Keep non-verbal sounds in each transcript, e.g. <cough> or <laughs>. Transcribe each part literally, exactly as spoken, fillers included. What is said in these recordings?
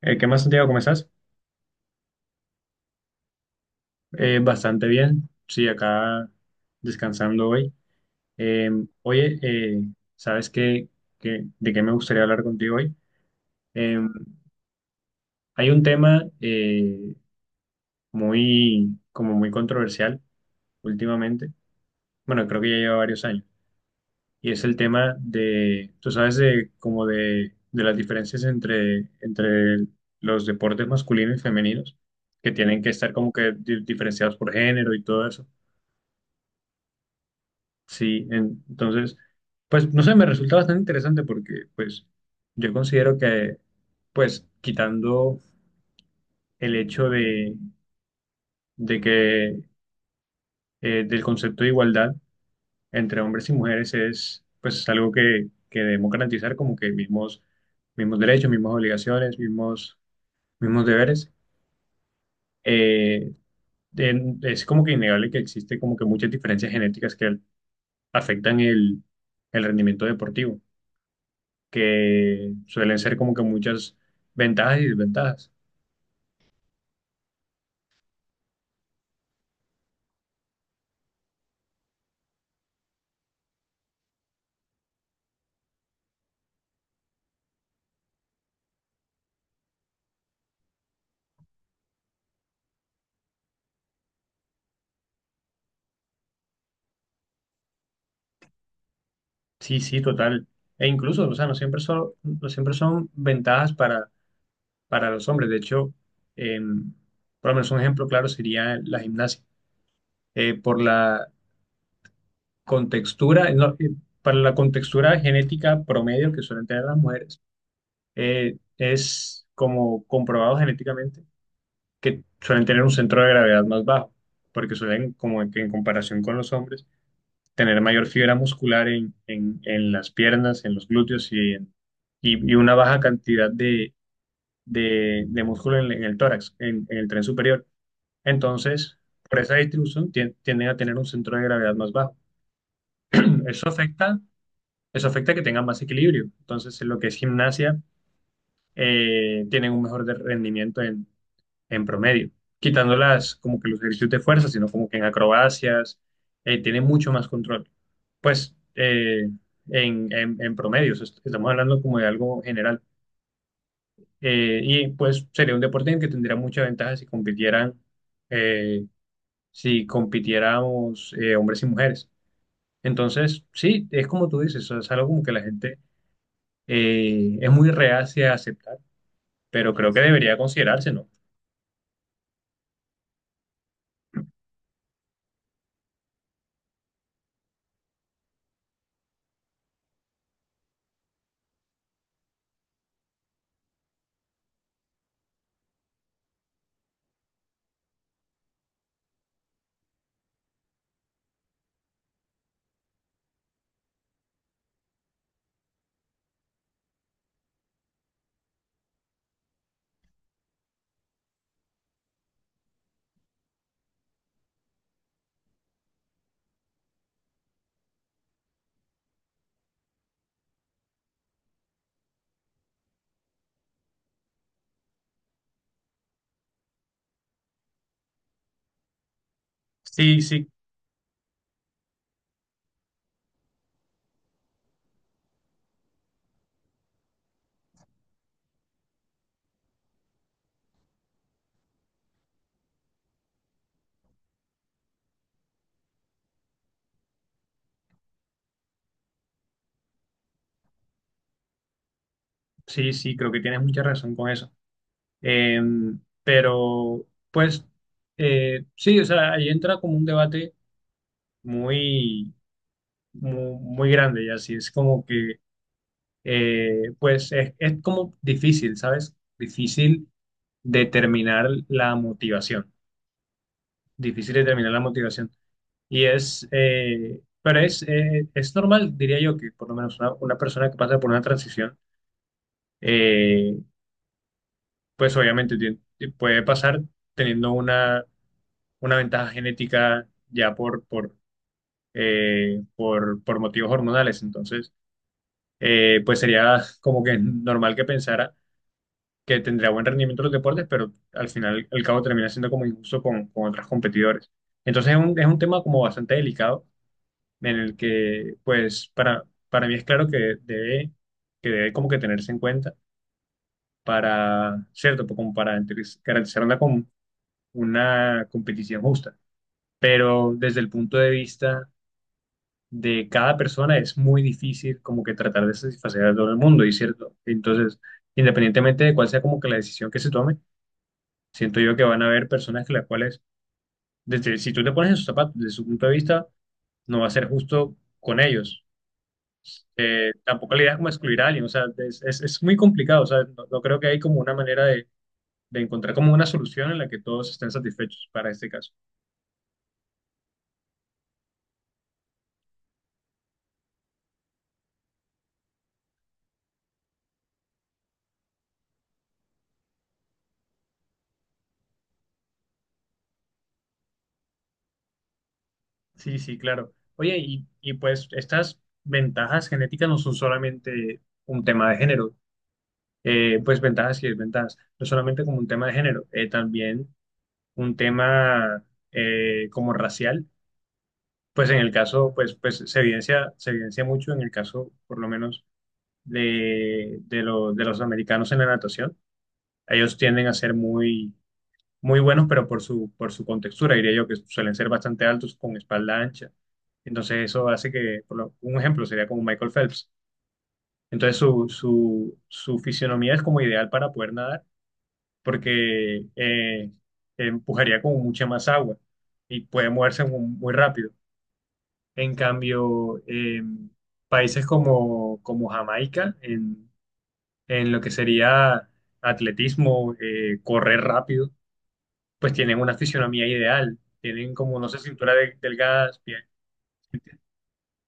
Eh, ¿qué más, Santiago? ¿Cómo estás? Eh, bastante bien. Sí, acá descansando hoy. Eh, Oye, eh, ¿sabes qué, qué- de qué me gustaría hablar contigo hoy? Eh, Hay un tema eh, muy, como muy controversial últimamente. Bueno, creo que ya lleva varios años. Y es el tema de, tú sabes, de, como de, de las diferencias entre, entre los deportes masculinos y femeninos, que tienen que estar como que di- diferenciados por género y todo eso. Sí, en- entonces, pues no sé, me resulta bastante interesante porque pues yo considero que pues quitando el hecho de, de que eh, del concepto de igualdad entre hombres y mujeres es pues es algo que, que debemos garantizar como que mismos, mismos derechos, mismas obligaciones, mismos, mismos deberes. Eh, en- es como que innegable que existe como que muchas diferencias genéticas que afectan el, el rendimiento deportivo. Que suelen ser como que muchas ventajas y desventajas. Sí, sí, total. E incluso, o sea, no siempre son, no siempre son ventajas para, para los hombres. De hecho, em, por lo menos un ejemplo claro sería la gimnasia. Eh, por la contextura, no, eh, para la contextura genética promedio que suelen tener las mujeres, eh, es como comprobado genéticamente que suelen tener un centro de gravedad más bajo, porque suelen, como que en comparación con los hombres, tener mayor fibra muscular en, en- en las piernas, en los glúteos y, en- y- y una baja cantidad de, de- de músculo en, en el tórax, en, en el tren superior. Entonces, por esa distribución tien- tienden a tener un centro de gravedad más bajo. <clears throat> Eso afecta, Eso afecta que tengan más equilibrio. Entonces, en lo que es gimnasia, eh, tienen un mejor de- rendimiento en promedio, quitándolas como que los ejercicios de fuerza, sino como que en acrobacias, eh, tiene mucho más control. Pues eh, en, en, en promedio, o sea, est- estamos hablando como de algo general. Eh, y pues sería un deporte en el que tendría mucha ventaja si compitieran, eh, si compitiéramos eh, hombres y mujeres. Entonces, sí, es como tú dices, o sea, es algo como que la gente eh, es muy reacia a aceptar, pero creo que debería considerarse, ¿no? Sí, sí, sí, sí, creo que tienes mucha razón con eso. Eh, pero, pues, eh, sí, o sea, ahí entra como un debate muy, mu- muy, grande, ya así es como que, eh, pues, es, es como difícil, ¿sabes? Difícil determinar la motivación, difícil determinar la motivación. Y es, eh, pero es, eh, es normal, diría yo, que por lo menos una, una persona que pasa por una transición, eh, pues obviamente tie- puede pasar teniendo una una ventaja genética ya por, por, eh, por, por motivos hormonales. Entonces, eh, pues sería como que normal que pensara que tendría buen rendimiento en los deportes, pero al final el cabo termina siendo como injusto con, con otros competidores. Entonces es un, es un tema como bastante delicado en el que pues para, para mí es claro que debe, que debe como que tenerse en cuenta para, cierto, como para entre- garantizar una, com- una competición justa, pero desde el punto de vista de cada persona es muy difícil como que tratar de satisfacer a todo el mundo, y cierto. Entonces, independientemente de cuál sea como que la decisión que se tome, siento yo que van a haber personas que las cuales, desde, si tú te pones en sus zapatos, desde su punto de vista, no va a ser justo con ellos. Eh, tampoco la idea es como excluir a alguien, o sea, es, es, es muy complicado, o sea, no, no creo que hay como una manera de, de encontrar como una solución en la que todos estén satisfechos para este caso. Sí, sí, claro. Oye, y, y pues estas ventajas genéticas no son solamente un tema de género, eh, pues ventajas y desventajas, no solamente como un tema de género, eh, también un tema eh, como racial, pues en el caso, pues, pues se evidencia, se evidencia mucho en el caso, por lo menos, de, de, lo- de los americanos en la natación. Ellos tienden a ser muy, muy buenos, pero por su, por su contextura, diría yo, que suelen ser bastante altos con espalda ancha. Entonces eso hace que, por lo- un ejemplo sería como Michael Phelps. Entonces su, su, su fisionomía es como ideal para poder nadar porque eh, empujaría como mucha más agua y puede moverse mu- muy, rápido. En cambio, eh, países como, como Jamaica, en, en lo que sería atletismo, eh, correr rápido, pues tienen una fisionomía ideal, tienen como, no sé, cintura de, delgada.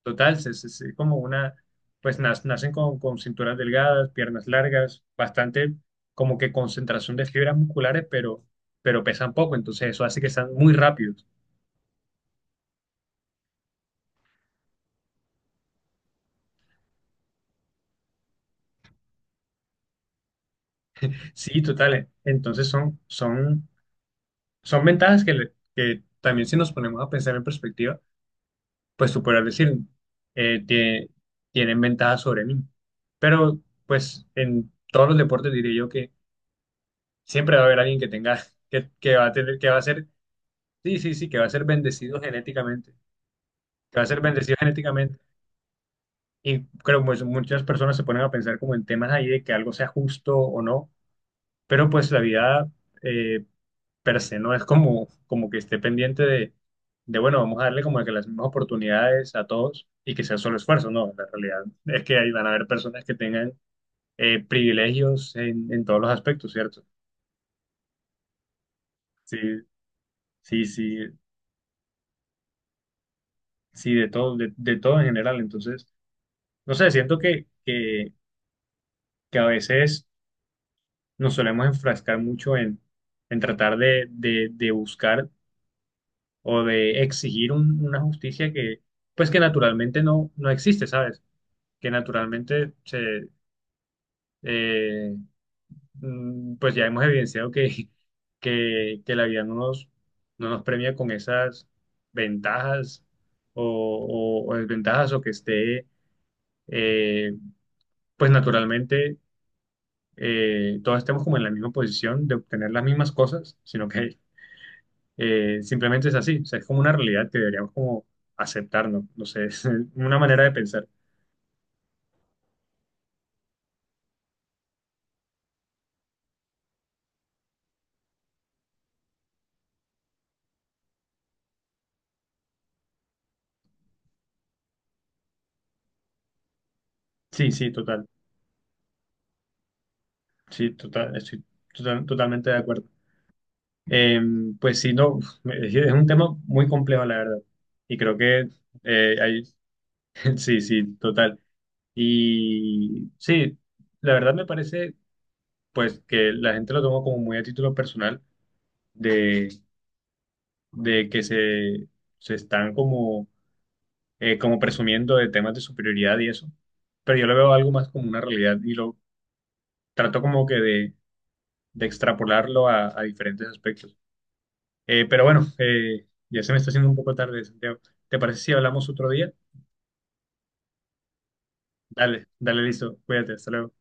Total, se- se- se- como una, pues nas- nacen con, con cinturas delgadas, piernas largas, bastante como que concentración de fibras musculares, pero, pero pesan poco, entonces eso hace que sean muy rápidos. Sí, total, entonces son, son, son ventajas que, le- que también si nos ponemos a pensar en perspectiva, pues tú podrás decir, eh, tie- tienen ventajas sobre mí, pero pues en todos los deportes diría yo que siempre va a haber alguien que tenga, que, que va a tener, que va a ser. Sí, sí, sí, que va a ser bendecido genéticamente, que va a ser bendecido genéticamente. Y creo que pues, muchas personas se ponen a pensar como en temas ahí de que algo sea justo o no, pero pues la vida eh, per se no es como, como que esté pendiente de, de, bueno, vamos a darle como que las mismas oportunidades a todos y que sea solo esfuerzo, no, la realidad es que ahí van a haber personas que tengan eh, privilegios en, en todos los aspectos, ¿cierto? Sí, sí, sí, sí, de todo, de, de todo en general. Entonces, no sé, siento que, que que a veces nos solemos enfrascar mucho en, en tratar de, de- de buscar o de exigir un- una justicia que, pues que naturalmente no, no existe, ¿sabes? Que naturalmente se, eh, mm, pues ya hemos evidenciado que, <laughs> que, que la vida no nos, no nos premia con esas ventajas o, o- o desventajas o que esté, eh, pues naturalmente eh, todos estemos como en la misma posición de obtener las mismas cosas, sino que. Eh, simplemente es así, o sea, es como una realidad que deberíamos como aceptarnos, no. No sé, <laughs> es una manera de pensar. Sí, sí, total, sí, total, estoy total- totalmente de acuerdo. Eh, pues sí, no, <laughs> uf, es es un tema muy complejo, la verdad, y creo que eh, hay, <laughs> sí, sí, total. Y sí, la verdad me parece, pues, que la gente lo toma como muy a título personal de, de que se, se están como eh, como presumiendo de temas de superioridad y eso, pero yo lo veo algo más como una realidad y lo trato como que de, de extrapolarlo a, a diferentes aspectos. Eh, pero bueno, eh, ya se me está haciendo un poco tarde, Santiago. ¿Te parece si hablamos otro día? Dale, dale, listo, cuídate, hasta luego.